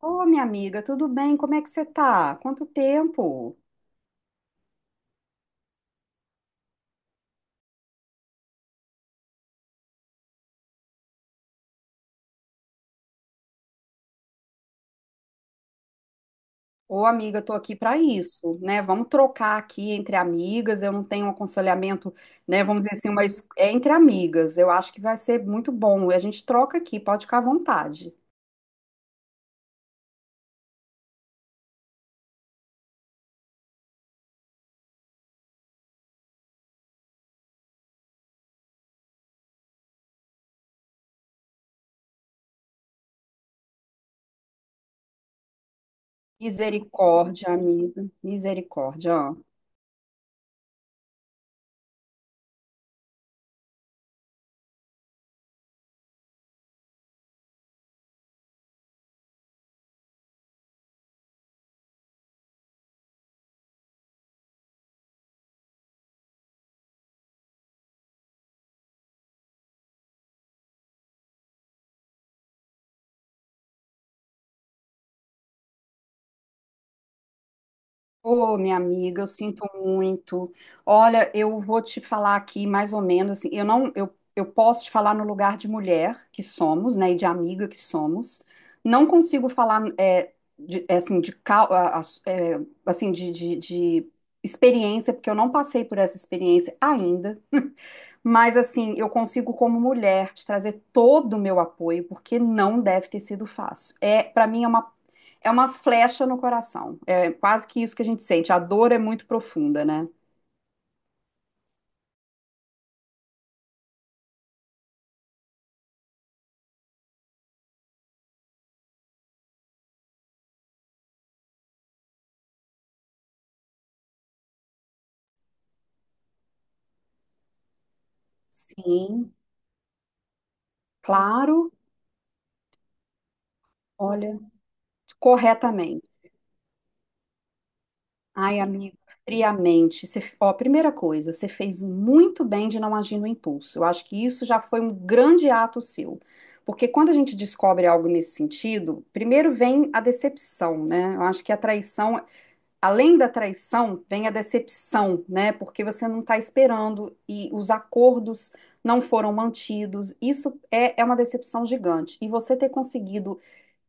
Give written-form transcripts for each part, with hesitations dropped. Ô, minha amiga, tudo bem? Como é que você tá? Quanto tempo? Ô, amiga, tô aqui para isso, né? Vamos trocar aqui entre amigas. Eu não tenho um aconselhamento, né? Vamos dizer assim, mas é entre amigas. Eu acho que vai ser muito bom. E a gente troca aqui, pode ficar à vontade. Misericórdia, amiga. Misericórdia. Ó. Ô, minha amiga, eu sinto muito. Olha, eu vou te falar aqui mais ou menos assim, eu não, eu posso te falar no lugar de mulher que somos, né, e de amiga que somos. Não consigo falar de, é, assim de cau- a- é, assim de experiência, porque eu não passei por essa experiência ainda. Mas assim, eu consigo como mulher te trazer todo o meu apoio, porque não deve ter sido fácil. É, para mim é uma flecha no coração. É quase que isso que a gente sente. A dor é muito profunda, né? Sim, claro. Olha, corretamente. Ai, amigo, friamente. Você, ó, primeira coisa, você fez muito bem de não agir no impulso. Eu acho que isso já foi um grande ato seu. Porque quando a gente descobre algo nesse sentido, primeiro vem a decepção, né? Eu acho que a traição. Além da traição, vem a decepção, né? Porque você não está esperando e os acordos não foram mantidos. Isso é, é uma decepção gigante. E você ter conseguido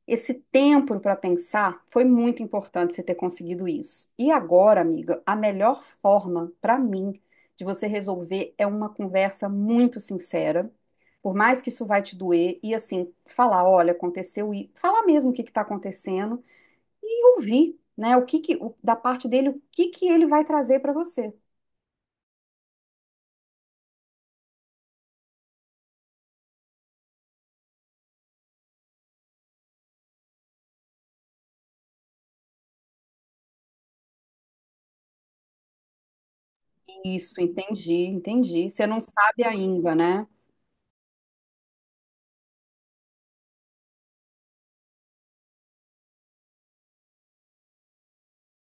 esse tempo para pensar foi muito importante você ter conseguido isso. E agora, amiga, a melhor forma para mim de você resolver é uma conversa muito sincera. Por mais que isso vai te doer, e assim, falar, olha, aconteceu e falar mesmo o que está acontecendo e ouvir, né? O que que, o- da parte dele, o que que ele vai trazer para você. Isso, entendi, entendi. Você não sabe ainda, né?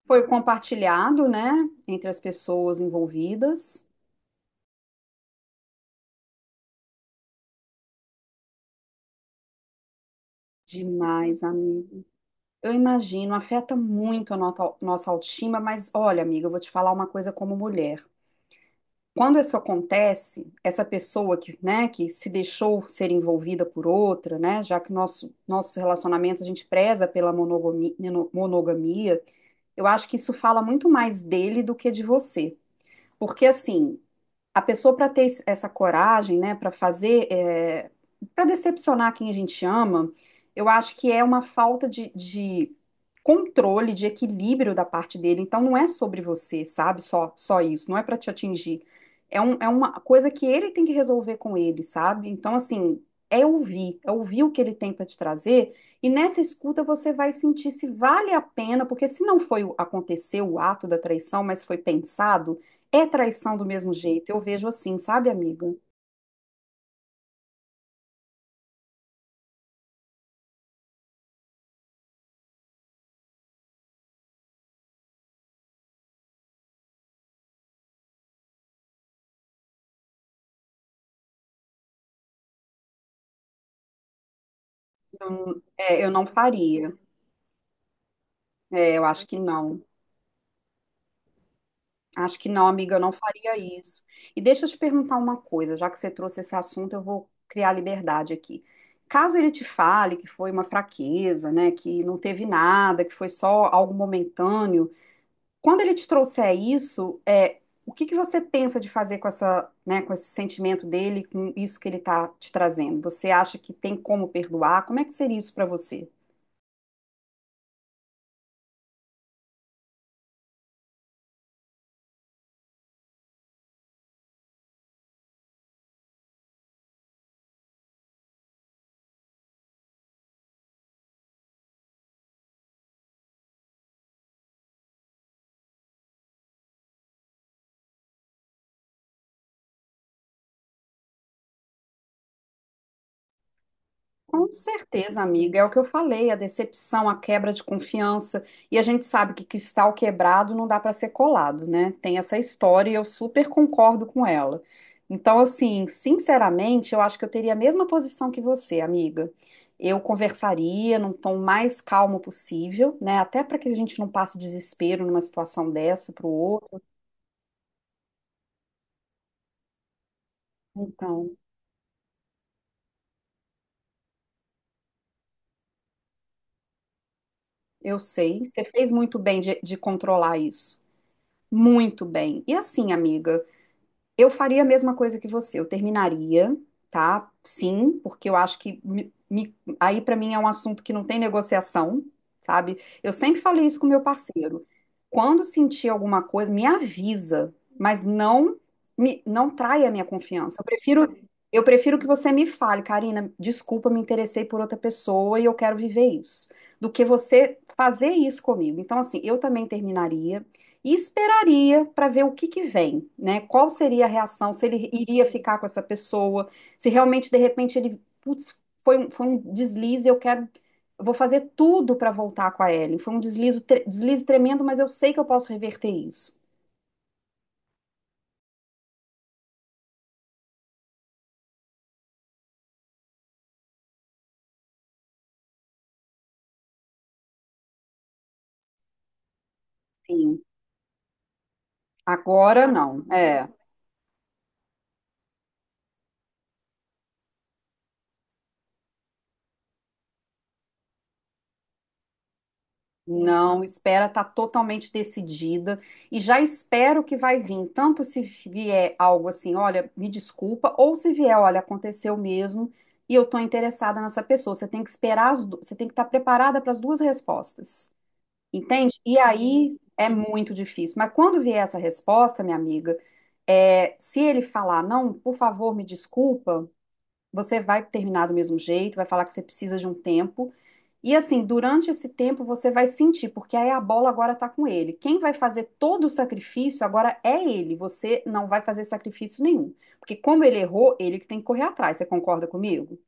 Foi compartilhado, né, entre as pessoas envolvidas. Demais, amiga. Eu imagino, afeta muito a nossa autoestima, mas olha, amiga, eu vou te falar uma coisa como mulher. Quando isso acontece, essa pessoa que, né, que se deixou ser envolvida por outra, né, já que nossos relacionamentos a gente preza pela monogamia. Eu acho que isso fala muito mais dele do que de você. Porque, assim, a pessoa para ter essa coragem, né, para fazer, é, para decepcionar quem a gente ama, eu acho que é uma falta de controle, de equilíbrio da parte dele. Então não é sobre você, sabe? Só isso, não é para te atingir. É, é uma coisa que ele tem que resolver com ele, sabe? Então, assim, é ouvir o que ele tem para te trazer, e nessa escuta você vai sentir se vale a pena, porque se não foi aconteceu o ato da traição, mas foi pensado é traição do mesmo jeito, eu vejo assim, sabe, amiga? Eu, é, eu não faria. É, eu acho que não. Acho que não, amiga, eu não faria isso. E deixa eu te perguntar uma coisa, já que você trouxe esse assunto, eu vou criar liberdade aqui. Caso ele te fale que foi uma fraqueza, né, que não teve nada, que foi só algo momentâneo, quando ele te trouxer isso, é, o que que você pensa de fazer com essa, né, com esse sentimento dele, com isso que ele está te trazendo? Você acha que tem como perdoar? Como é que seria isso para você? Com certeza, amiga, é o que eu falei, a decepção, a quebra de confiança, e a gente sabe que cristal quebrado não dá para ser colado, né? Tem essa história e eu super concordo com ela. Então, assim, sinceramente, eu acho que eu teria a mesma posição que você, amiga. Eu conversaria num tom mais calmo possível, né? Até para que a gente não passe desespero numa situação dessa para o outro. Então, eu sei, você fez muito bem de controlar isso. Muito bem. E assim, amiga. Eu faria a mesma coisa que você, eu terminaria, tá? Sim, porque eu acho aí pra mim é um assunto que não tem negociação, sabe? Eu sempre falei isso com meu parceiro. Quando sentir alguma coisa, me avisa, mas não traia a minha confiança. Eu prefiro que você me fale, Karina, desculpa, me interessei por outra pessoa e eu quero viver isso, do que você fazer isso comigo. Então, assim, eu também terminaria. E faria para ver o que que vem, né? Qual seria a reação, se ele iria ficar com essa pessoa, se realmente de repente ele, putz, foi um deslize, eu quero, eu vou fazer tudo para voltar com a Ellen. Foi um deslize, deslize tremendo, mas eu sei que eu posso reverter isso. Sim. Agora não. É. Não, espera tá totalmente decidida e já espero que vai vir, tanto se vier algo assim, olha, me desculpa, ou se vier, olha, aconteceu mesmo e eu tô interessada nessa pessoa. Você tem que esperar você tem que estar preparada para as duas respostas. Entende? E aí é muito difícil. Mas quando vier essa resposta, minha amiga, é, se ele falar, não, por favor, me desculpa, você vai terminar do mesmo jeito, vai falar que você precisa de um tempo. E assim, durante esse tempo você vai sentir, porque aí a bola agora tá com ele. Quem vai fazer todo o sacrifício agora é ele. Você não vai fazer sacrifício nenhum. Porque como ele errou, ele que tem que correr atrás. Você concorda comigo?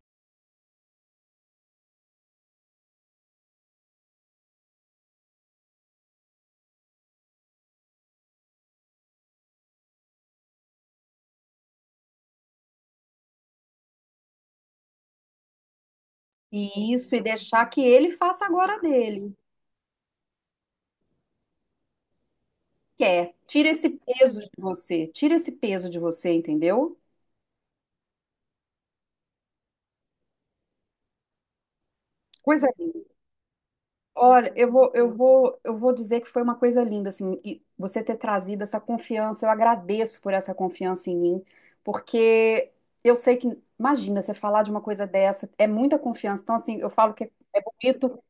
E isso, e deixar que ele faça agora dele. Quer. Tira esse peso de você. Tira esse peso de você, entendeu? Coisa Olha, eu vou dizer que foi uma coisa linda, assim, e você ter trazido essa confiança. Eu agradeço por essa confiança em mim, porque eu sei que, imagina, você falar de uma coisa dessa, é muita confiança. Então, assim, eu falo que é bonito,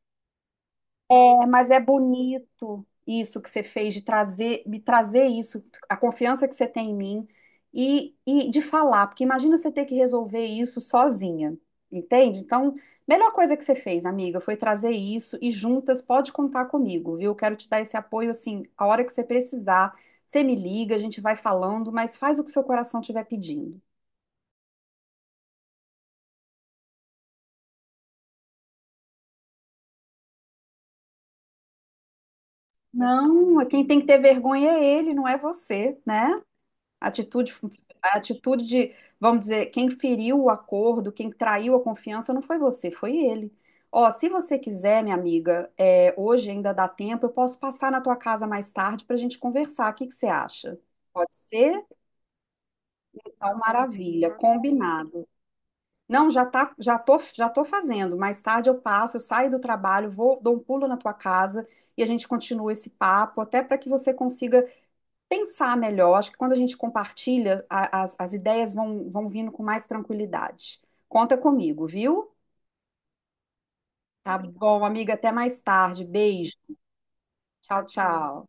é, mas é bonito isso que você fez de trazer, me trazer isso, a confiança que você tem em mim e de falar, porque imagina você ter que resolver isso sozinha, entende? Então, melhor coisa que você fez, amiga, foi trazer isso e juntas pode contar comigo, viu? Quero te dar esse apoio assim, a hora que você precisar, você me liga, a gente vai falando, mas faz o que seu coração estiver pedindo. Não, quem tem que ter vergonha é ele, não é você, né? A atitude, a atitude de, vamos dizer, quem feriu o acordo, quem traiu a confiança, não foi você, foi ele. Ó, se você quiser, minha amiga, é, hoje ainda dá tempo, eu posso passar na tua casa mais tarde para a gente conversar. O que que você acha? Pode ser? Então, maravilha, combinado. Não, já tô fazendo. Mais tarde eu passo, eu saio do trabalho, vou, dou um pulo na tua casa e a gente continua esse papo, até para que você consiga pensar melhor. Acho que quando a gente compartilha, as ideias vão vindo com mais tranquilidade. Conta comigo, viu? Tá bom, amiga. Até mais tarde. Beijo. Tchau, tchau.